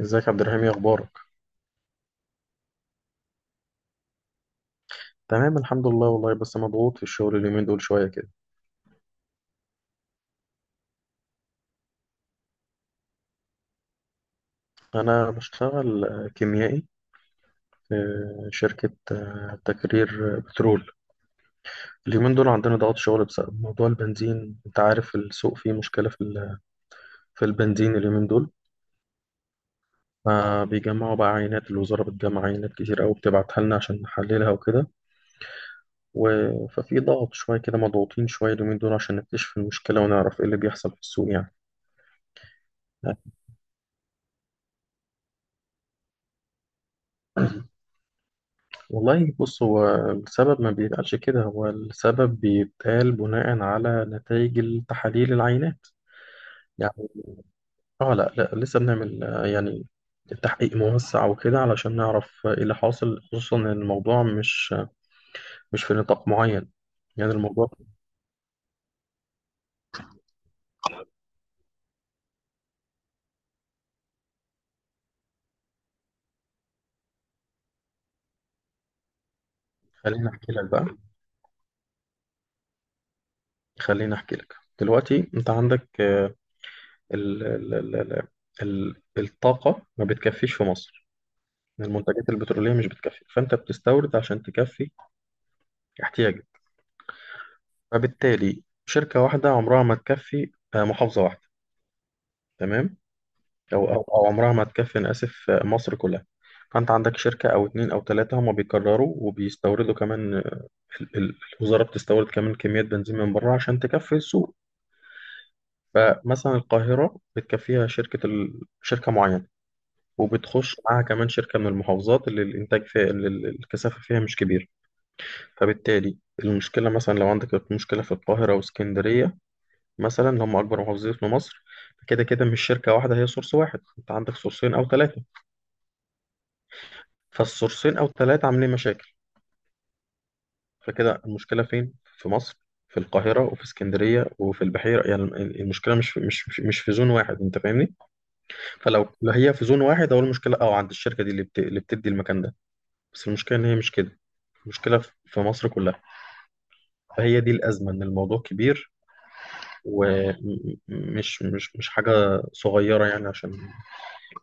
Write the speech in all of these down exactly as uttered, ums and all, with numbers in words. ازيك يا عبد الرحيم، ايه اخبارك؟ تمام الحمد لله والله، بس مضغوط في الشغل اليومين دول شويه كده. انا بشتغل آه، كيميائي في شركه آه، تكرير آه، بترول. اليومين دول عندنا ضغط شغل بسبب موضوع البنزين، انت عارف السوق فيه مشكله في ال- في البنزين اليومين دول. فبيجمعوا بقى عينات، الوزاره بتجمع عينات كتير قوي بتبعتها لنا عشان نحللها وكده و... ففي ضغط شويه كده، مضغوطين شويه اليومين دول عشان نكتشف المشكله ونعرف ايه اللي بيحصل في السوق يعني. والله بص، هو السبب ما بيتقالش كده، هو السبب بيتقال بناء على نتائج التحاليل العينات. يعني اه، لا, لا لسه بنعمل آه، يعني تحقيق موسع وكده علشان نعرف آه، ايه اللي حاصل، خصوصا ان الموضوع مش آه، مش في نطاق معين. يعني الموضوع خليني احكي لك بقى خليني احكي لك. دلوقتي انت عندك آه، ال ال ال ال ال- الطاقة ما بتكفيش في مصر، المنتجات البترولية مش بتكفي، فانت بتستورد عشان تكفي احتياجك. فبالتالي شركة واحدة عمرها ما تكفي آه، محافظة واحدة. تمام أو أو أو عمرها ما تكفي، أنا آسف، آه، مصر كلها. فأنت عندك شركة أو اتنين أو تلاتة هما بيكرروا وبيستوردوا كمان، آه، ال- ال- الوزارة بتستورد كمان كميات بنزين من بره عشان تكفي السوق. فمثلا القاهرة بتكفيها شركة ال- شركة معينة، وبتخش معاها كمان شركة من المحافظات اللي الإنتاج فيها، اللي ال- الكثافة فيها مش كبير. فبالتالي المشكلة، مثلا لو عندك مشكلة في القاهرة واسكندرية، مثلا اللي هم اكبر محافظين في مصر، كده كده مش شركه واحده هي سورس واحد، انت عندك سورسين او ثلاثه. فالسورسين او ثلاثه عاملين مشاكل، فكده المشكله فين؟ في مصر، في القاهره وفي اسكندريه وفي البحيره. يعني المشكله مش في مش مش مش في زون واحد، انت فاهمني؟ فلو لو هي في زون واحد اول، المشكله اه عند الشركه دي اللي بت... اللي بتدي المكان ده. بس المشكله ان هي مش كده، المشكله في في مصر كلها. فهي دي الازمه، ان الموضوع كبير ومش مش مش حاجه صغيره يعني، عشان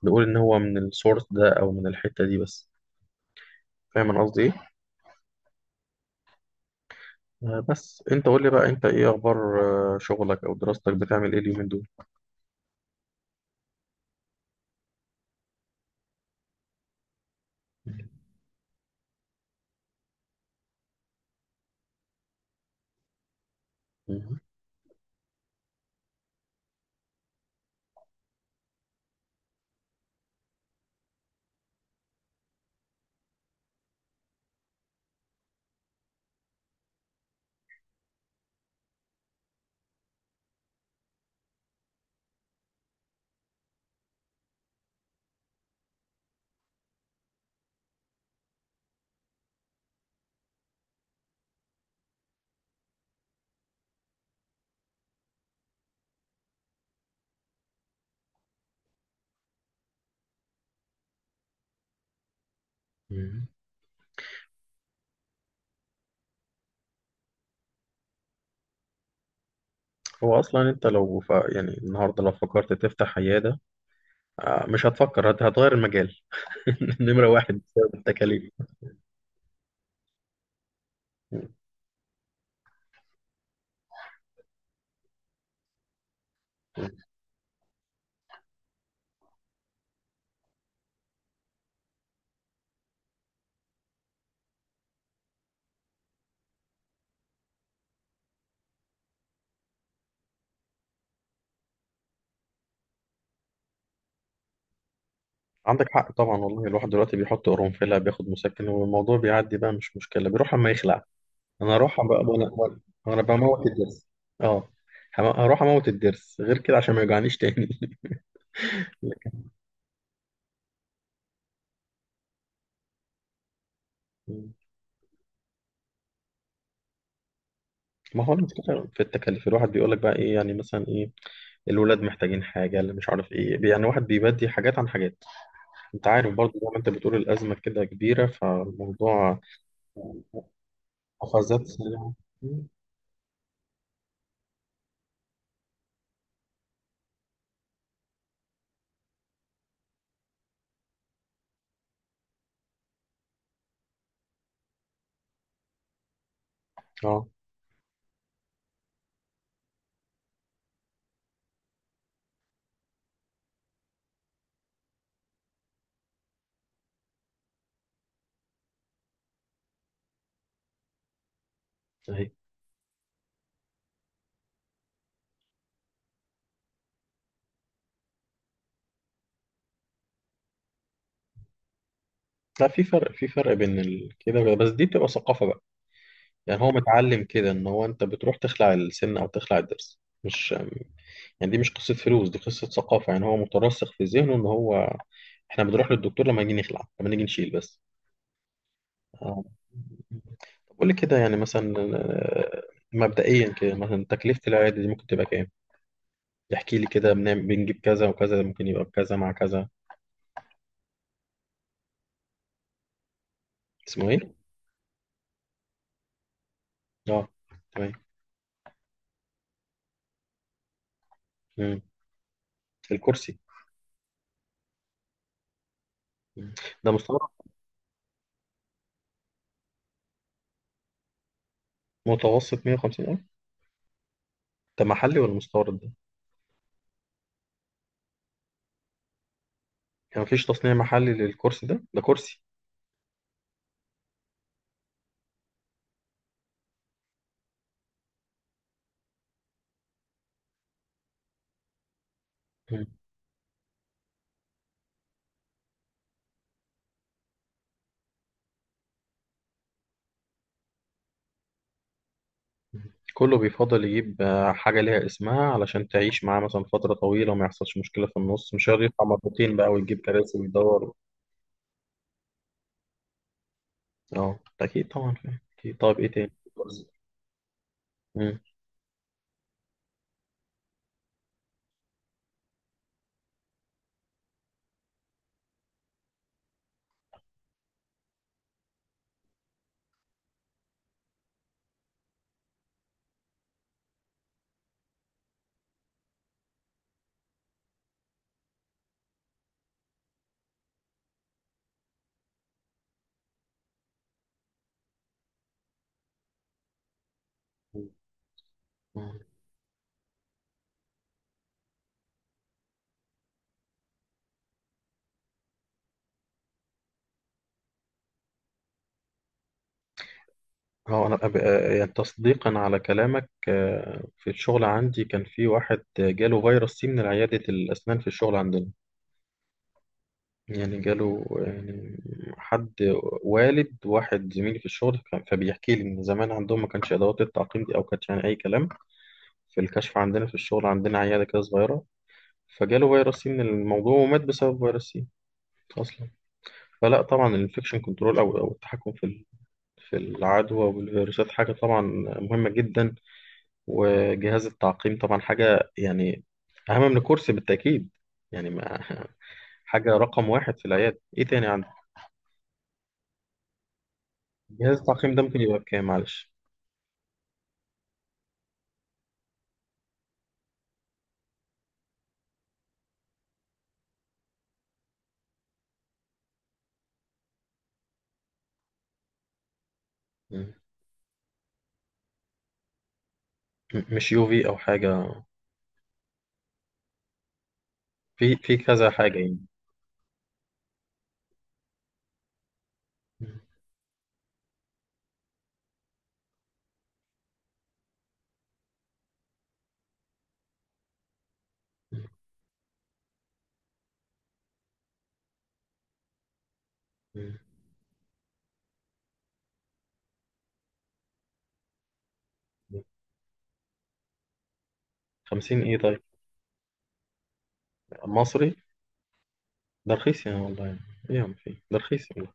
نقول إن هو من السورس ده أو من الحتة دي بس. فاهم أنا قصدي إيه؟ آه، بس أنت قول لي بقى، أنت إيه أخبار آه، شغلك أو دراستك؟ بتعمل إيه اليومين دول؟ مهم. مهم. هو أصلا أنت لو ف... يعني النهاردة لو فكرت تفتح عيادة، آه، مش هتفكر هت- هتغير المجال. نمرة واحد بسبب التكاليف. مم. عندك حق طبعا، والله الواحد دلوقتي بيحط قرنفلة بياخد مسكن والموضوع بيعدي بقى، مش مشكلة بيروح أما يخلع. أنا أروح بقى وأنا وأنا وأنا بموت الدرس. أه، هم- هروح أموت الدرس غير كده عشان ما يوجعنيش تاني. مم. ما هو المشكلة في التكاليف، الواحد بيقول لك بقى ايه يعني، مثلا ايه، الولاد محتاجين حاجة، اللي مش عارف ايه، يعني واحد بيبدي حاجات عن حاجات. انت عارف برضه زي ما انت بتقول، الأزمة كده كبيرة فالموضوع قفزات سريعة. مم. اه. اهي. لا، في فرق، في فرق بين ال- كده بقى. بس دي بتبقى ثقافة بقى. يعني هو متعلم كده ان هو، انت بتروح تخلع السن او تخلع الضرس مش، يعني دي مش قصة فلوس، دي قصة ثقافة. يعني هو مترسخ في ذهنه ان هو، احنا بنروح للدكتور لما نيجي نخلع، لما نيجي نشيل بس. آه. طب قول لي كده، يعني مثلا آه، مبدئيا كده مثلا تكلفة العيادة دي ممكن تبقى كام؟ احكي لي كده، بنعمل بنجيب كذا وكذا، ممكن يبقى بكذا مع كذا. اسمه ايه؟ اه، تمام. مم. الكرسي. مم. ده مستورد؟ متوسط مية وخمسين ألف. ده محلي ولا مستورد ده؟ يعني مفيش تصنيع محلي للكرسي ده؟ ده كرسي. مم. كله بيفضل يجيب آه، حاجة ليها اسمها، علشان تعيش معاه مثلا فترة طويلة وما يحصلش مشكلة في النص، مش هيقعد يدفع مرتين بقى ويجيب كراسي ويدور. اه، اكيد طبعا فاهم، اكيد. طيب ايه تاني؟ مم. مم. اه، انا أب... آه، يعني تصديقا على كلامك، آه، في الشغل عندي كان في واحد جاله فيروس سي من عيادة الاسنان في الشغل عندنا. يعني جاله يعني حد، والد واحد زميلي في الشغل كان- فبيحكي لي ان زمان عندهم ما كانش ادوات التعقيم دي او كانش، يعني اي كلام في الكشف عندنا، في الشغل عندنا عياده كده صغيره، فجاله فيروس سي من الموضوع ومات بسبب فيروس سي اصلا. فلا طبعا الانفكشن كنترول، او او التحكم في في العدوى والفيروسات، حاجة طبعا مهمة جدا. وجهاز التعقيم طبعا حاجة يعني أهم من الكرسي بالتأكيد. يعني ما حاجة رقم واحد في العيادة. إيه تاني عندك؟ جهاز التعقيم ده ممكن يبقى بكام معلش؟ م- مش يو في أو حاجة؟ في في كذا حاجة يعني. م- م- م- خمسين إيه طيب؟ مصري؟ ده رخيص يعني والله، يعني إيه يا عم، في ده رخيص والله.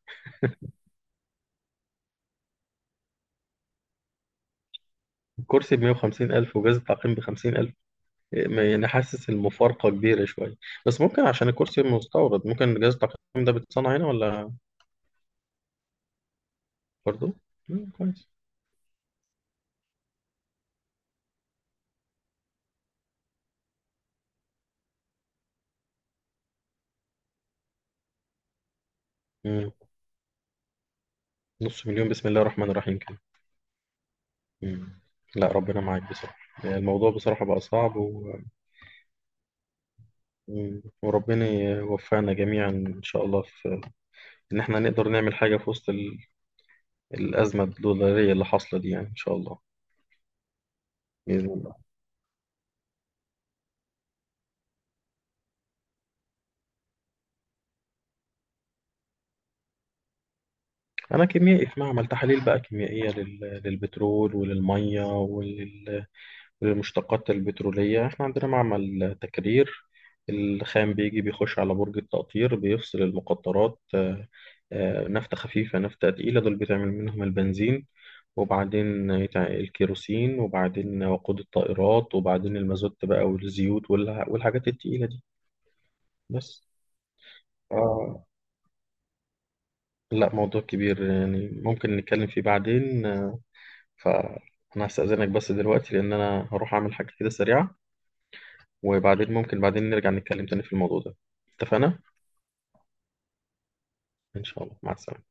الكرسي بمية وخمسين ألف وجهاز التعقيم بخمسين ألف، ما- يعني حاسس المفارقة كبيرة شوية. بس ممكن عشان الكرسي مستورد، ممكن جهاز التقييم ده بيتصنع هنا ولا برضه؟ مم، كويس. مم. نص مليون، بسم الله الرحمن الرحيم كده. مم. لا ربنا معاك بصراحة، الموضوع بصراحة بقى صعب و... مم. وربنا يوفقنا جميعا إن شاء الله، في إن إحنا نقدر نعمل حاجة في وسط ال... الأزمة الدولارية اللي حاصلة دي، يعني إن شاء الله. بإذن الله. أنا كيميائي في معمل تحاليل بقى كيميائية لل... للبترول وللمية ولل... المشتقات البترولية. احنا عندنا معمل تكرير، الخام بيجي بيخش على برج التقطير بيفصل المقطرات آه، آه، نفطة خفيفة نفطة تقيلة، دول بتعمل منهم البنزين. وبعدين يتع- الكيروسين، وبعدين وقود الطائرات، وبعدين المازوت بقى، والزيوت والع- والحاجات التقيلة دي بس. آه، لا موضوع كبير يعني، ممكن نتكلم فيه بعدين. آه، فأنا هستأذنك بس دلوقتي، لأن أنا هروح أعمل حاجة كده سريعة، وبعدين ممكن بعدين نرجع نتكلم تاني في الموضوع ده، اتفقنا؟ إن شاء الله مع السلامة.